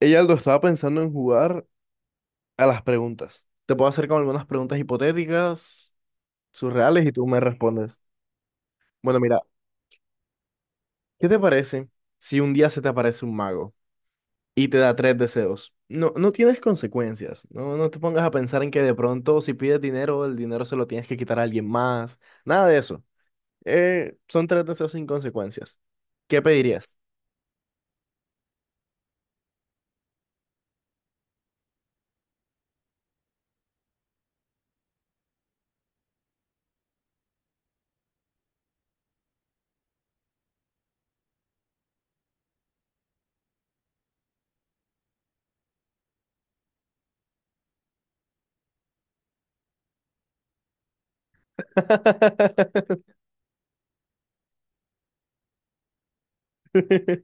Ella lo estaba pensando en jugar a las preguntas. Te puedo hacer con algunas preguntas hipotéticas, surreales, y tú me respondes. Bueno, mira, ¿qué te parece si un día se te aparece un mago y te da tres deseos? No, no tienes consecuencias. No, no te pongas a pensar en que de pronto si pides dinero, el dinero se lo tienes que quitar a alguien más. Nada de eso. Son tres deseos sin consecuencias. ¿Qué pedirías?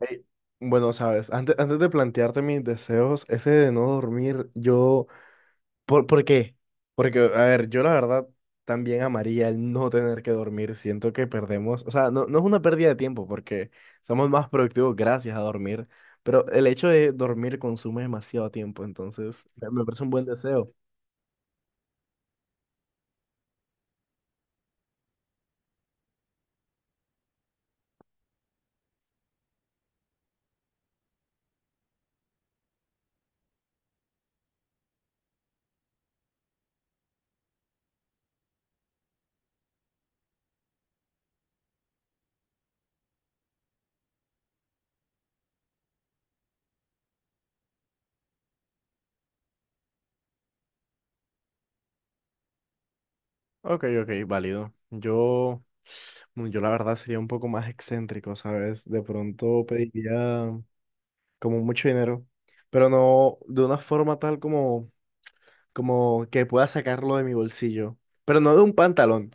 Ey, bueno, sabes, antes de plantearte mis deseos, ese de no dormir, yo, ¿por qué? Porque, a ver, yo la verdad también amaría el no tener que dormir. Siento que perdemos, o sea, no, no es una pérdida de tiempo porque somos más productivos gracias a dormir, pero el hecho de dormir consume demasiado tiempo, entonces me parece un buen deseo. Ok, ok, válido. Yo, bueno, yo la verdad sería un poco más excéntrico, ¿sabes? De pronto pediría como mucho dinero, pero no de una forma tal como que pueda sacarlo de mi bolsillo, pero no de un pantalón,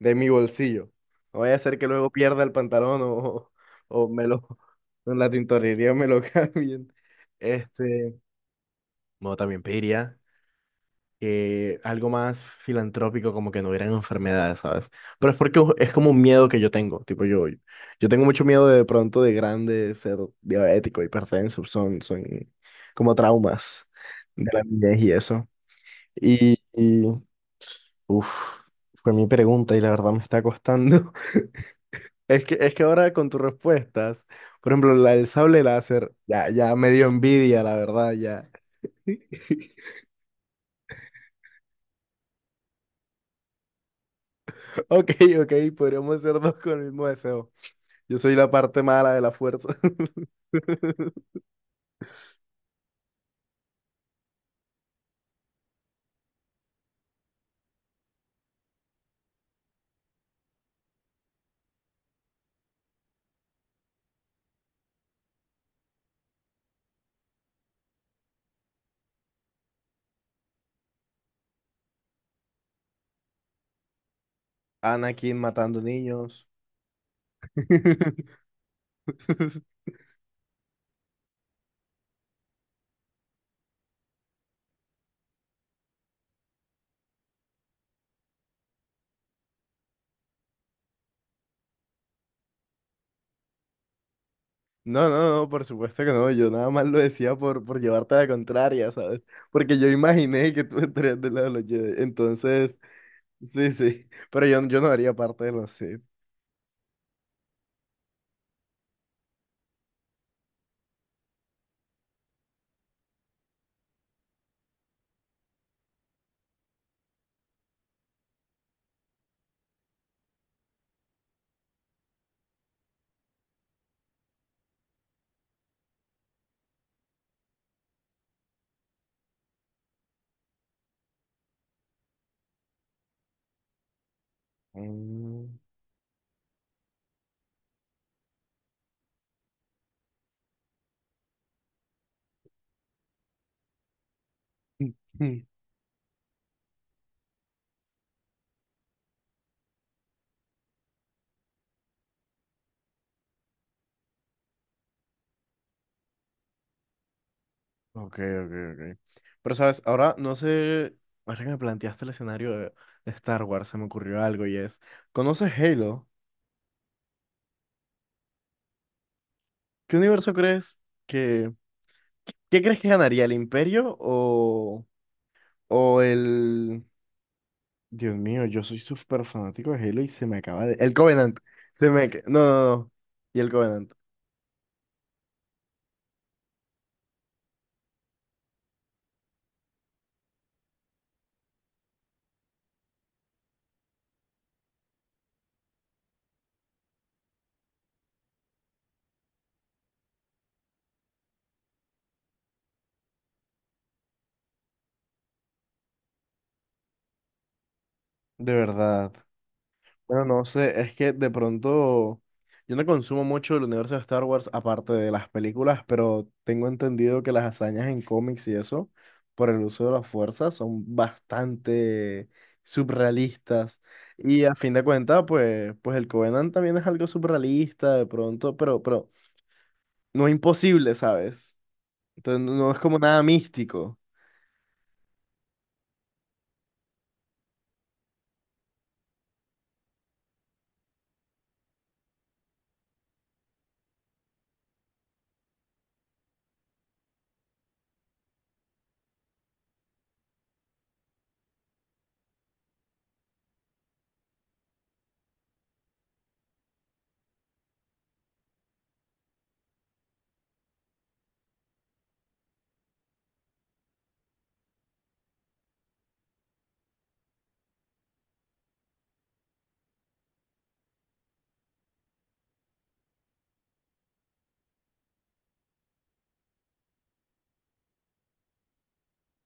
de mi bolsillo. No vaya a ser que luego pierda el pantalón o, o me lo, en la tintorería me lo cambien. Este, no, también pediría que algo más filantrópico, como que no hubieran enfermedades, ¿sabes? Pero es porque es como un miedo que yo tengo, tipo yo, yo tengo mucho miedo de pronto de grande ser diabético, hipertenso, son como traumas de la niñez y eso. Y uff, fue mi pregunta y la verdad me está costando. Es que ahora con tus respuestas, por ejemplo, la del sable láser, ya me dio envidia, la verdad, ya. Ok, ok, podríamos ser dos con el mismo deseo. Yo soy la parte mala de la fuerza. Anakin matando niños. No, no, no, por supuesto que no. Yo nada más lo decía por llevarte a la contraria, ¿sabes? Porque yo imaginé que tú estarías del lado de los Jedi. Entonces, sí, sí. Pero yo no haría parte de los Sith. Mm. Ok, ok, ok. Pero, ¿sabes? Ahora no sé. Ahora que me planteaste el escenario de Star Wars, se me ocurrió algo y es: ¿conoces Halo? ¿Qué universo crees que, ¿qué crees que ganaría, el Imperio o el... Dios mío, yo soy súper fanático de Halo y se me acaba de... El Covenant. Se me... ca- no, no, no. Y el Covenant. ¿De verdad? Bueno, no sé, es que de pronto yo no consumo mucho el universo de Star Wars aparte de las películas, pero tengo entendido que las hazañas en cómics y eso, por el uso de las fuerzas, son bastante subrealistas. Y a fin de cuentas, pues, pues el Covenant también es algo subrealista de pronto, pero no imposible, ¿sabes? Entonces no es como nada místico.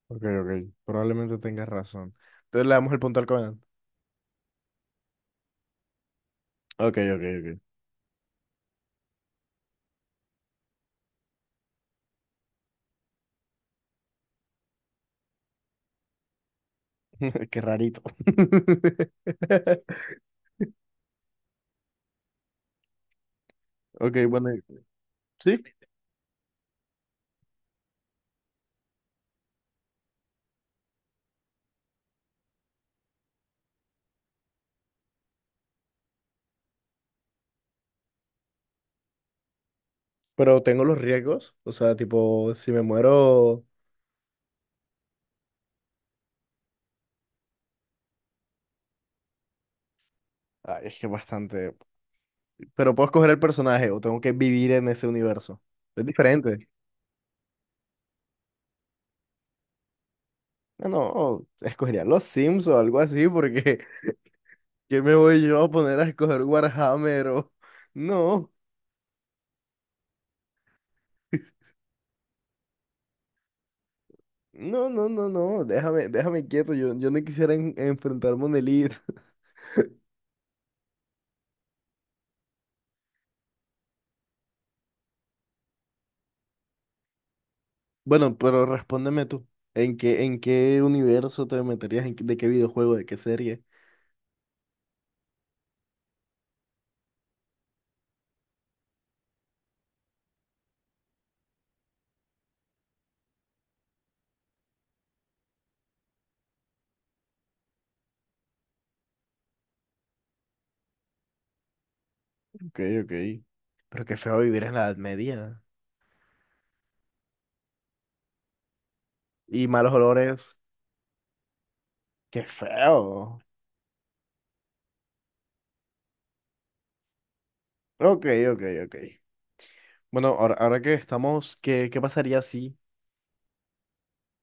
Ok, ok, probablemente tengas razón. Entonces le damos el punto al Covenant. Ok, ok, ok. Qué rarito. Ok, bueno, sí, pero tengo los riesgos, o sea, tipo, si me muero, ay, es que bastante, pero puedo escoger el personaje o tengo que vivir en ese universo. Es diferente. No, no, escogería los Sims o algo así, porque ¿qué me voy yo a poner a escoger Warhammer o... No, no, no, no, no, déjame quieto, yo no quisiera en- enfrentarme a un elite. Bueno, pero respóndeme tú. En qué universo te meterías? ¿En qué- ¿de qué videojuego? ¿De qué serie? Ok, ok. Pero qué feo vivir en la Edad Media. Y malos olores. Qué feo. Ok, ok, ok. Bueno, ahora, ahora que estamos, ¿qué, qué pasaría si?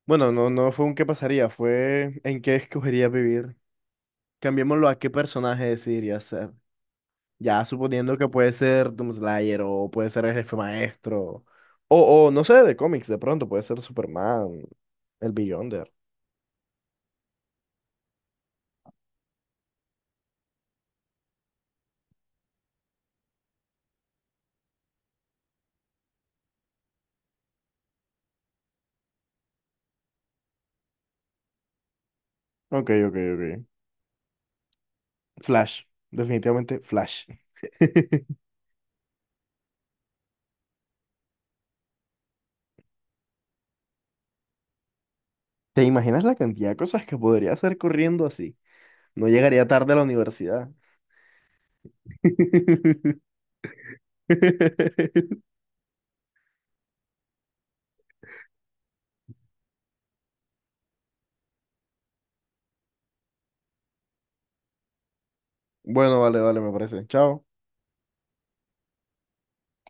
Bueno, no, no fue un qué pasaría, fue en qué escogerías vivir. Cambiémoslo a qué personaje decidirías ser. Ya suponiendo que puede ser Doomslayer o puede ser el jefe maestro. O no sé, de cómics, de pronto puede ser Superman, el Beyonder. Ok, ok, ok. Flash. Definitivamente Flash. ¿Te imaginas la cantidad de cosas que podría hacer corriendo así? No llegaría tarde a la universidad. Bueno, vale, vale, me parece. Chao.